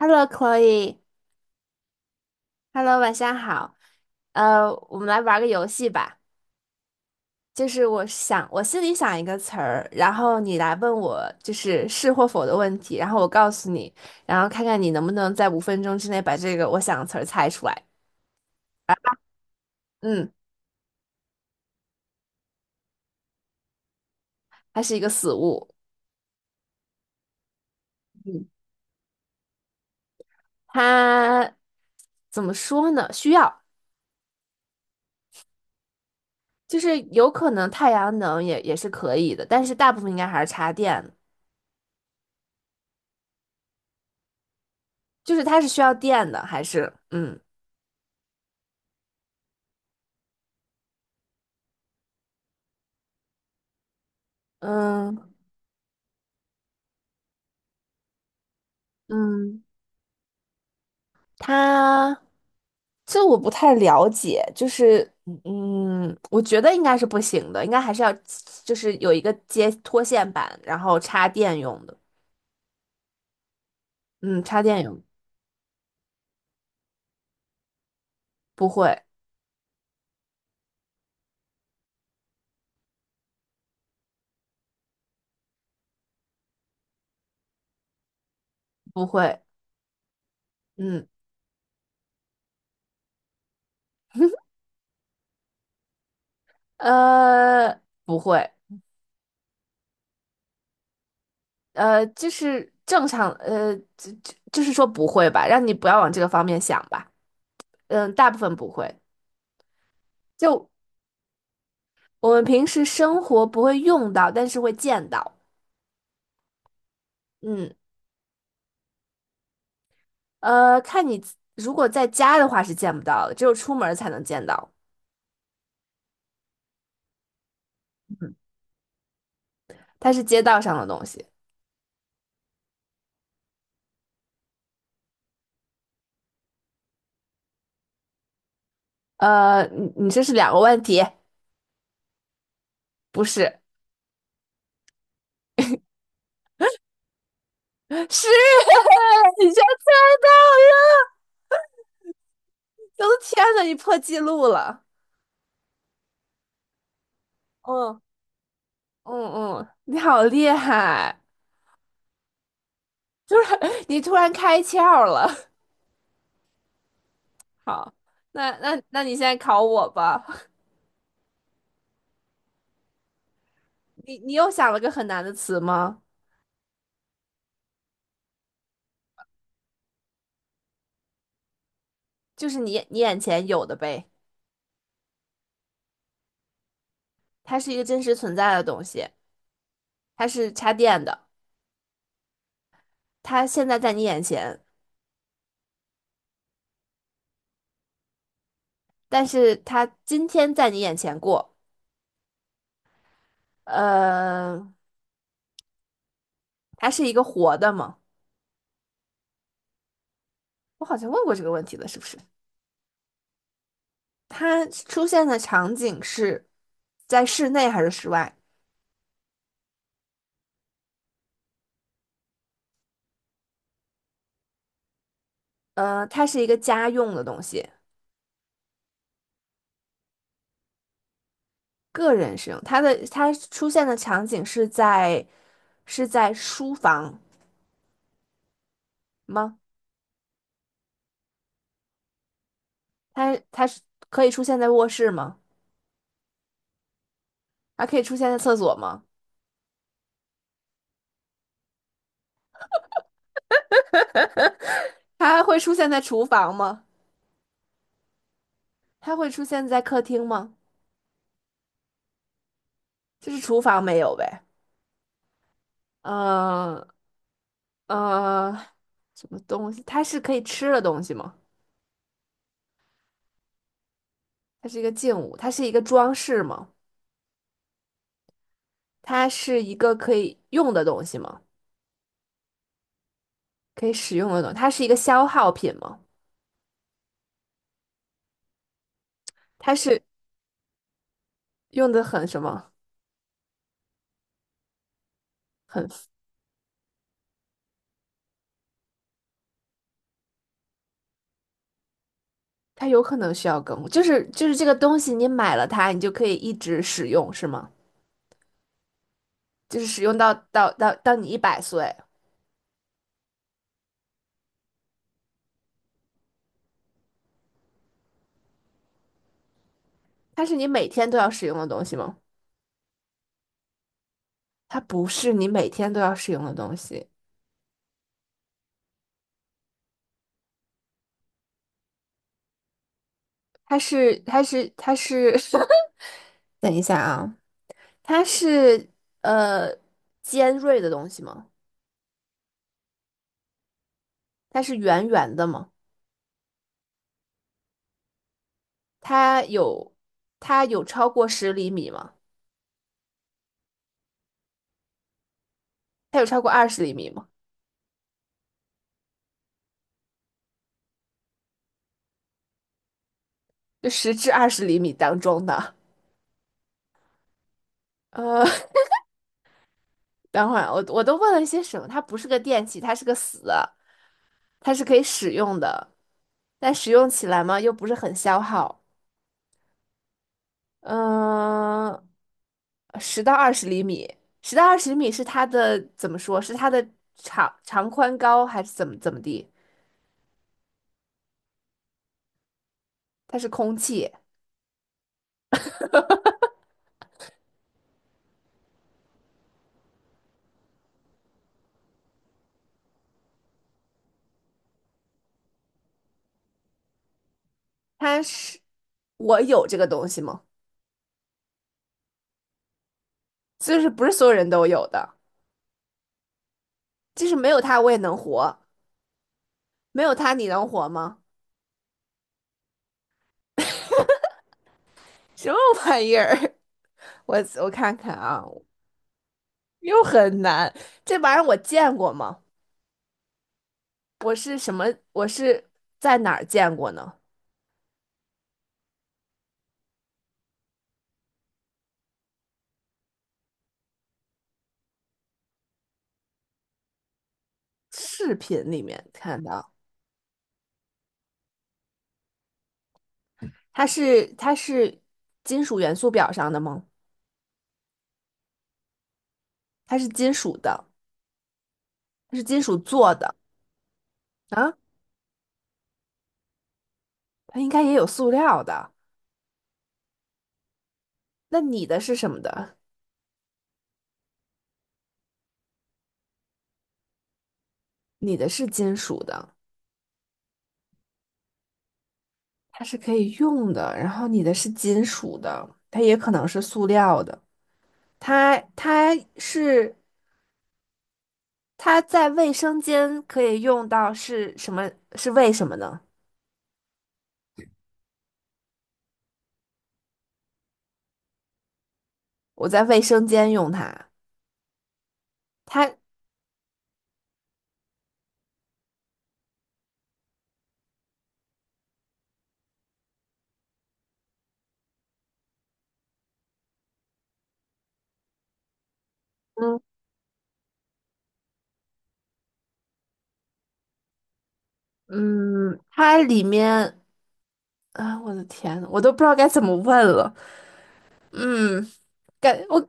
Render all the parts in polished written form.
Hello, Chloe，Hello，晚上好。我们来玩个游戏吧。就是我想，我心里想一个词儿，然后你来问我，就是是或否的问题，然后我告诉你，然后看看你能不能在5分钟之内把这个我想的词儿猜出来。嗯，它是一个死物。嗯，它怎么说呢？需要，就是有可能太阳能也是可以的，但是大部分应该还是插电的，就是它是需要电的，还是嗯嗯。嗯，他这我不太了解，就是嗯，嗯我觉得应该是不行的，应该还是要就是有一个接拖线板，然后插电用的。嗯，插电用，不会，不会，嗯不会。就是正常就是说不会吧，让你不要往这个方面想吧。嗯，大部分不会，就我们平时生活不会用到，但是会见到。嗯。看你自如果在家的话是见不到的，只有出门儿才能见到，它是街道上的东西。你你这是两个问题，不是，是 你居然猜到了，我的天呐，你破纪录了，嗯嗯嗯，你好厉害，就是你突然开窍了。好，那你现在考我吧，你又想了个很难的词吗？就是你眼前有的呗，它是一个真实存在的东西。它是插电的，它现在在你眼前，但是它今天在你眼前过。呃，它是一个活的吗？我好像问过这个问题了，是不是？它出现的场景是在室内还是室外？它是一个家用的东西，个人使用。它的它出现的场景是在是在书房吗？它是可以出现在卧室吗？它可以出现在厕所吗？它会出现在厨房吗？它会出现在客厅吗？就是厨房没有呗。呃呃，什么东西？它是可以吃的东西吗？它是一个静物，它是一个装饰吗？它是一个可以用的东西吗？可以使用的东西它是一个消耗品吗？它是用的很什么？很，它有可能需要更，就是这个东西，你买了它，你就可以一直使用，是吗？就是使用到你100岁，它是你每天都要使用的东西吗？它不是你每天都要使用的东西。它是，等一下啊，它是呃尖锐的东西吗？它是圆圆的吗？它有它有超过十厘米吗？它有超过二十厘米吗？就10至20厘米当中的。呃，等会儿我都问了一些什么？它不是个电器，它是个死的，它是可以使用的，但使用起来嘛又不是很消耗。嗯、十到二十厘米，十到二十厘米是它的怎么说？是它的长长宽高还是怎么地？它是空气，它是我有这个东西吗？就是不是所有人都有的，就是没有它我也能活，没有它你能活吗？什么玩意儿？我我看看啊，又很难。这玩意儿我见过吗？我是什么？我是在哪儿见过呢？视频里面看到。它是金属元素表上的吗？它是金属的，它是金属做的。啊？它应该也有塑料的。那你的是什么的？你的是金属的，它是可以用的。然后你的是金属的，它也可能是塑料的。它是它在卫生间可以用到是什么？是为什么呢？我在卫生间用它，它嗯嗯，它里面啊，我的天，我都不知道该怎么问了。嗯，感我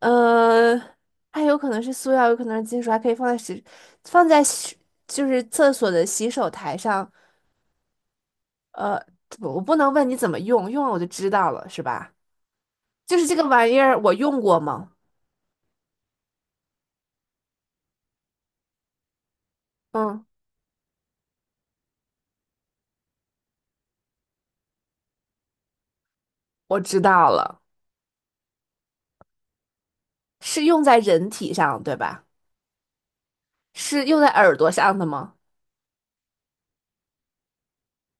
呃，它有可能是塑料，有可能是金属，还可以放在洗，放在洗，就是厕所的洗手台上。呃，不我不能问你怎么用，用了我就知道了，是吧？就是这个玩意儿，我用过吗？嗯，我知道了，是用在人体上，对吧？是用在耳朵上的吗？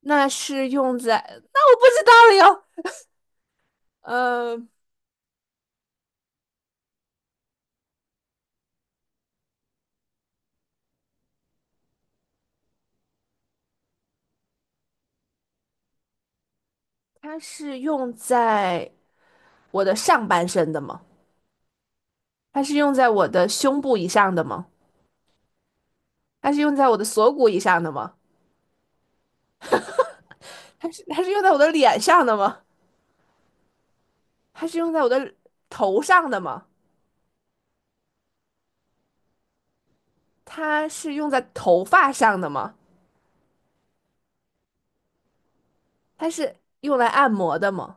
那是用在，那我不知道了哟。呃，它是用在。我的上半身的吗？它是用在我的胸部以上的吗？它是用在我的锁骨以上的吗？它是用在我的脸上的吗？它是用在我的头上的吗？它是用在头发上的吗？它是用来按摩的吗？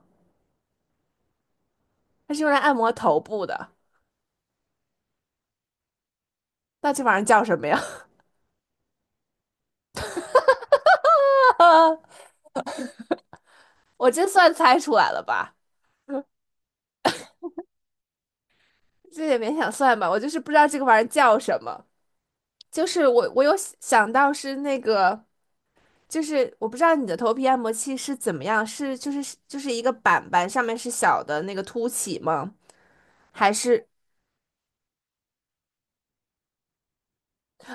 它是用来按摩头部的？那这玩意儿叫什么呀？我真算猜出来了吧？这也勉强算吧，我就是不知道这个玩意儿叫什么。就是我有想到是那个，就是我不知道你的头皮按摩器是怎么样，是就是一个板板上面是小的那个凸起吗？还是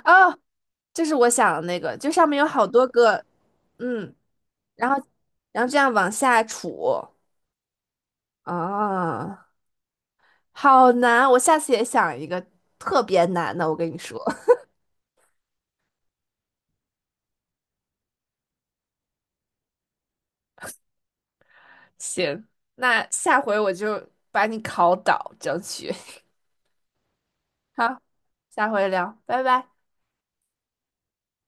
哦，就是我想的那个，就上面有好多个，嗯，然后这样往下杵。啊，好难，我下次也想一个特别难的，我跟你说，行，那下回我就把你考倒，争取，好，下回聊，拜拜。